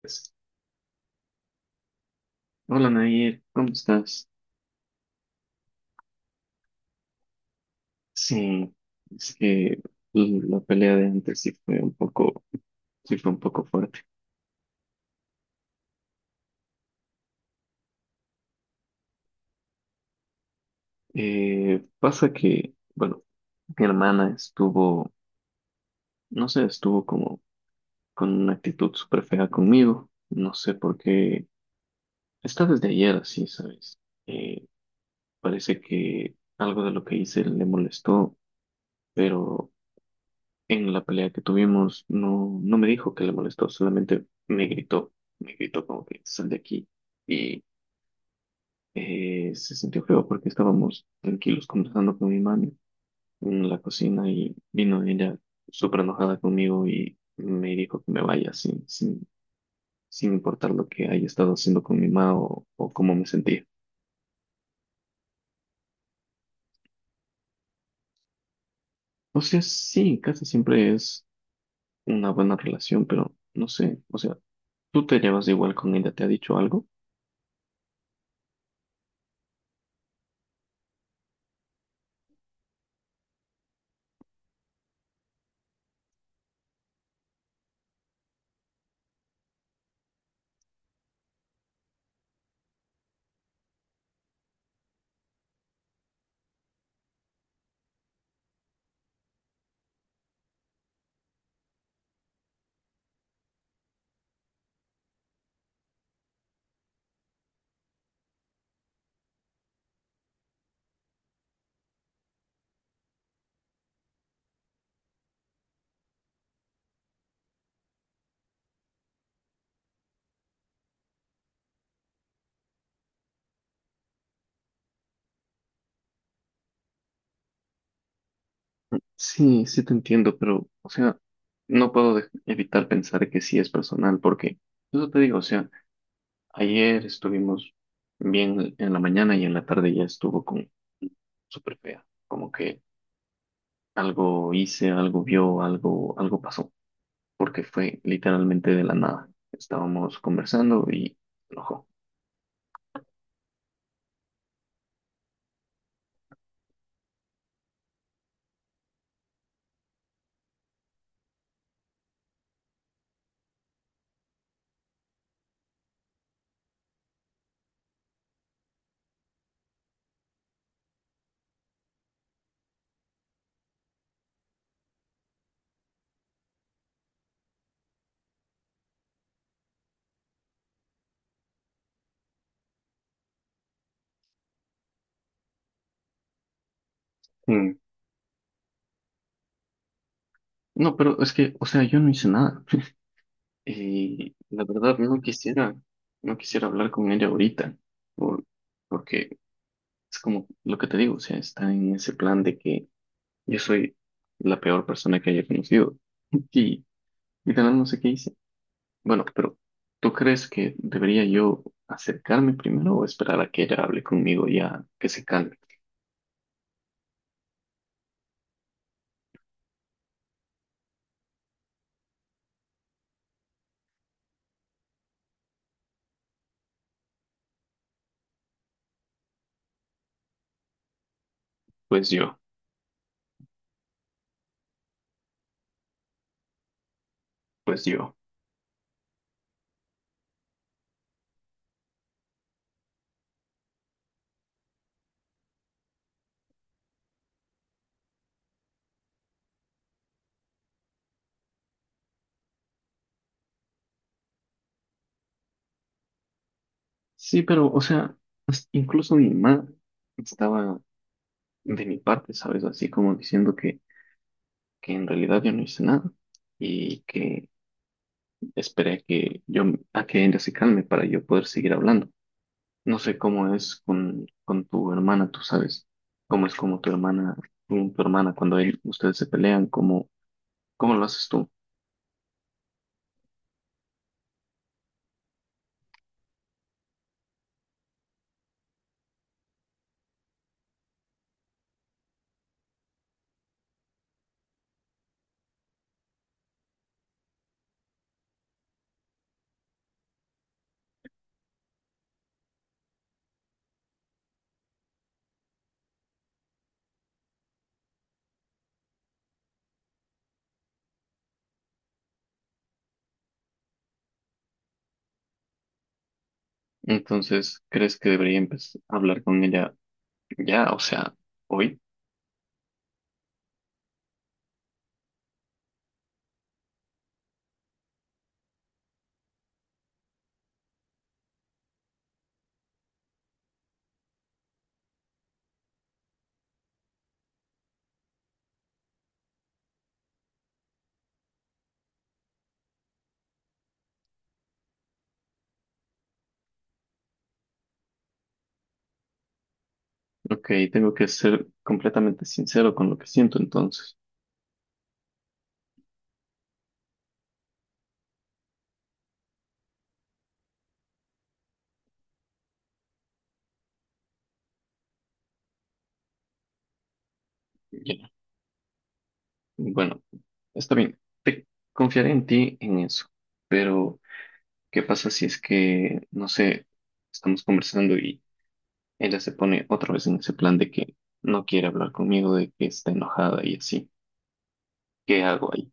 Pues, hola Nair, ¿cómo estás? Sí, es que la pelea de antes sí fue un poco, sí fue un poco fuerte. Pasa que, bueno, mi hermana estuvo, no sé, estuvo como con una actitud súper fea conmigo. No sé por qué. Está desde ayer así, ¿sabes? Eh, Parece que algo de lo que hice le molestó, pero en la pelea que tuvimos, no me dijo que le molestó, solamente me gritó como que sal de aquí. Y se sintió feo porque estábamos tranquilos conversando con mi mami en la cocina y vino ella súper enojada conmigo y me dijo que me vaya sin, sin importar lo que haya estado haciendo con mi mamá o cómo me sentía. O sea, sí, casi siempre es una buena relación, pero no sé, o sea, tú te llevas igual con ella, ¿te ha dicho algo? Sí, sí te entiendo, pero, o sea, no puedo evitar pensar que sí es personal, porque eso te digo, o sea, ayer estuvimos bien en la mañana y en la tarde ya estuvo con súper fea, como que algo hice, algo vio, algo, algo pasó, porque fue literalmente de la nada. Estábamos conversando y se enojó. Mm. No, pero es que, o sea, yo no hice nada. Y la verdad no quisiera, no quisiera hablar con ella ahorita, por- porque es como lo que te digo, o sea, está en ese plan de que yo soy la peor persona que haya conocido y literal no sé qué hice. Bueno, pero ¿tú crees que debería yo acercarme primero o esperar a que ella hable conmigo ya que se calme? Pues yo, pues yo. Sí, pero, o sea, incluso mi madre estaba de mi parte, ¿sabes? Así como diciendo que en realidad yo no hice nada y que esperé a que yo, a que ella se calme para yo poder seguir hablando. No sé cómo es con tu hermana, tú sabes cómo es como tu hermana, con tu hermana cuando ustedes se pelean, cómo, cómo lo haces tú. Entonces, ¿crees que debería empezar a hablar con ella ya? O sea, hoy. Ok, tengo que ser completamente sincero con lo que siento, entonces. Ya. Bueno, está bien. Te confiaré en ti en eso. Pero, ¿qué pasa si es que, no sé, estamos conversando, ella se pone otra vez en ese plan de que no quiere hablar conmigo, de que está enojada y así? ¿Qué hago ahí?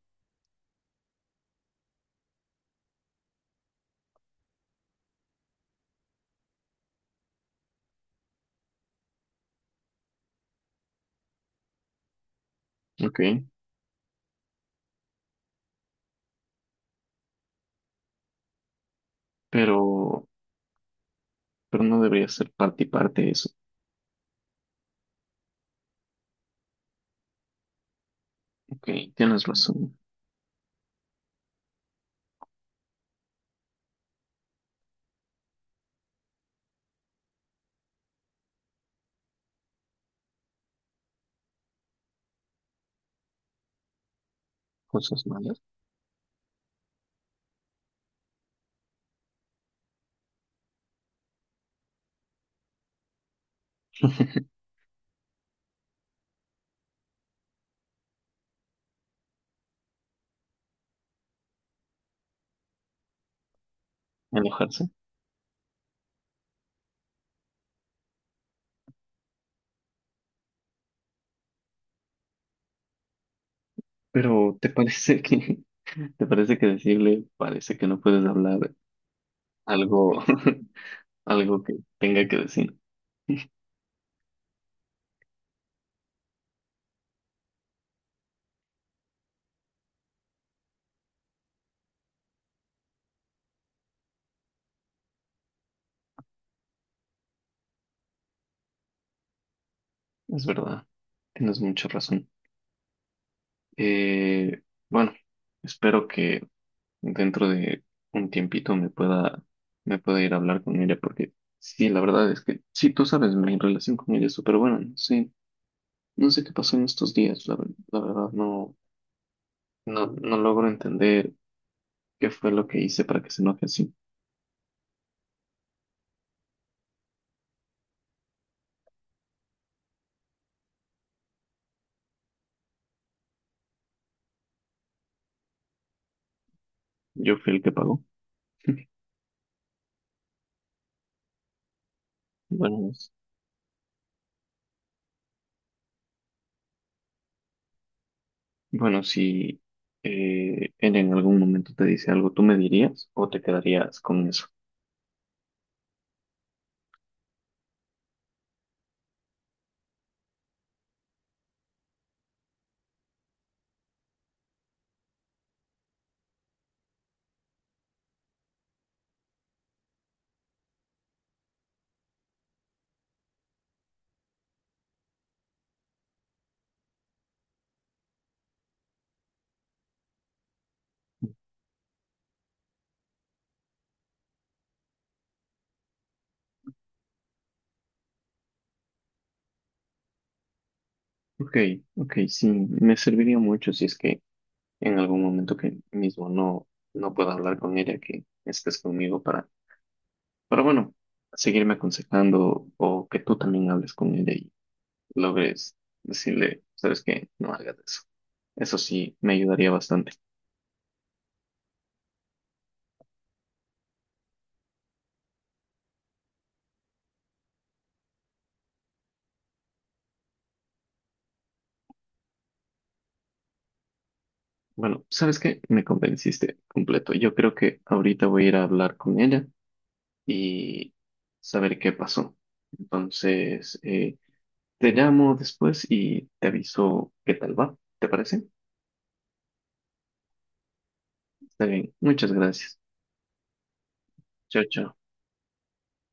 Ok, pero, pero no debería ser parte y parte de eso. Ok, tienes razón. Cosas malas. Enojarse. Pero ¿te parece que, te parece que decirle, parece que no puedes hablar algo, algo que tenga que decir? Es verdad. Tienes mucha razón. Eh, bueno, espero que dentro de un tiempito me pueda ir a hablar con ella, porque sí, la verdad es que, sí, tú sabes, mi relación con ella es súper buena, no sé, no sé qué pasó en estos días, la verdad no, no, no logro entender qué fue lo que hice para que se enoje así. Yo fui el que pagó. Bueno, es- bueno, si ella en algún momento te dice algo, ¿tú me dirías o te quedarías con eso? Ok, ok, sí, me serviría mucho si es que en algún momento que mismo no, no pueda hablar con ella, que estés conmigo para, pero bueno, seguirme aconsejando o que tú también hables con ella y logres decirle, sabes qué, no hagas eso. Eso sí, me ayudaría bastante. Bueno, ¿sabes qué? Me convenciste completo. Yo creo que ahorita voy a ir a hablar con ella y saber qué pasó. Entonces, te llamo después y te aviso qué tal va. ¿Te parece? Está bien. Muchas gracias. Chao, chao.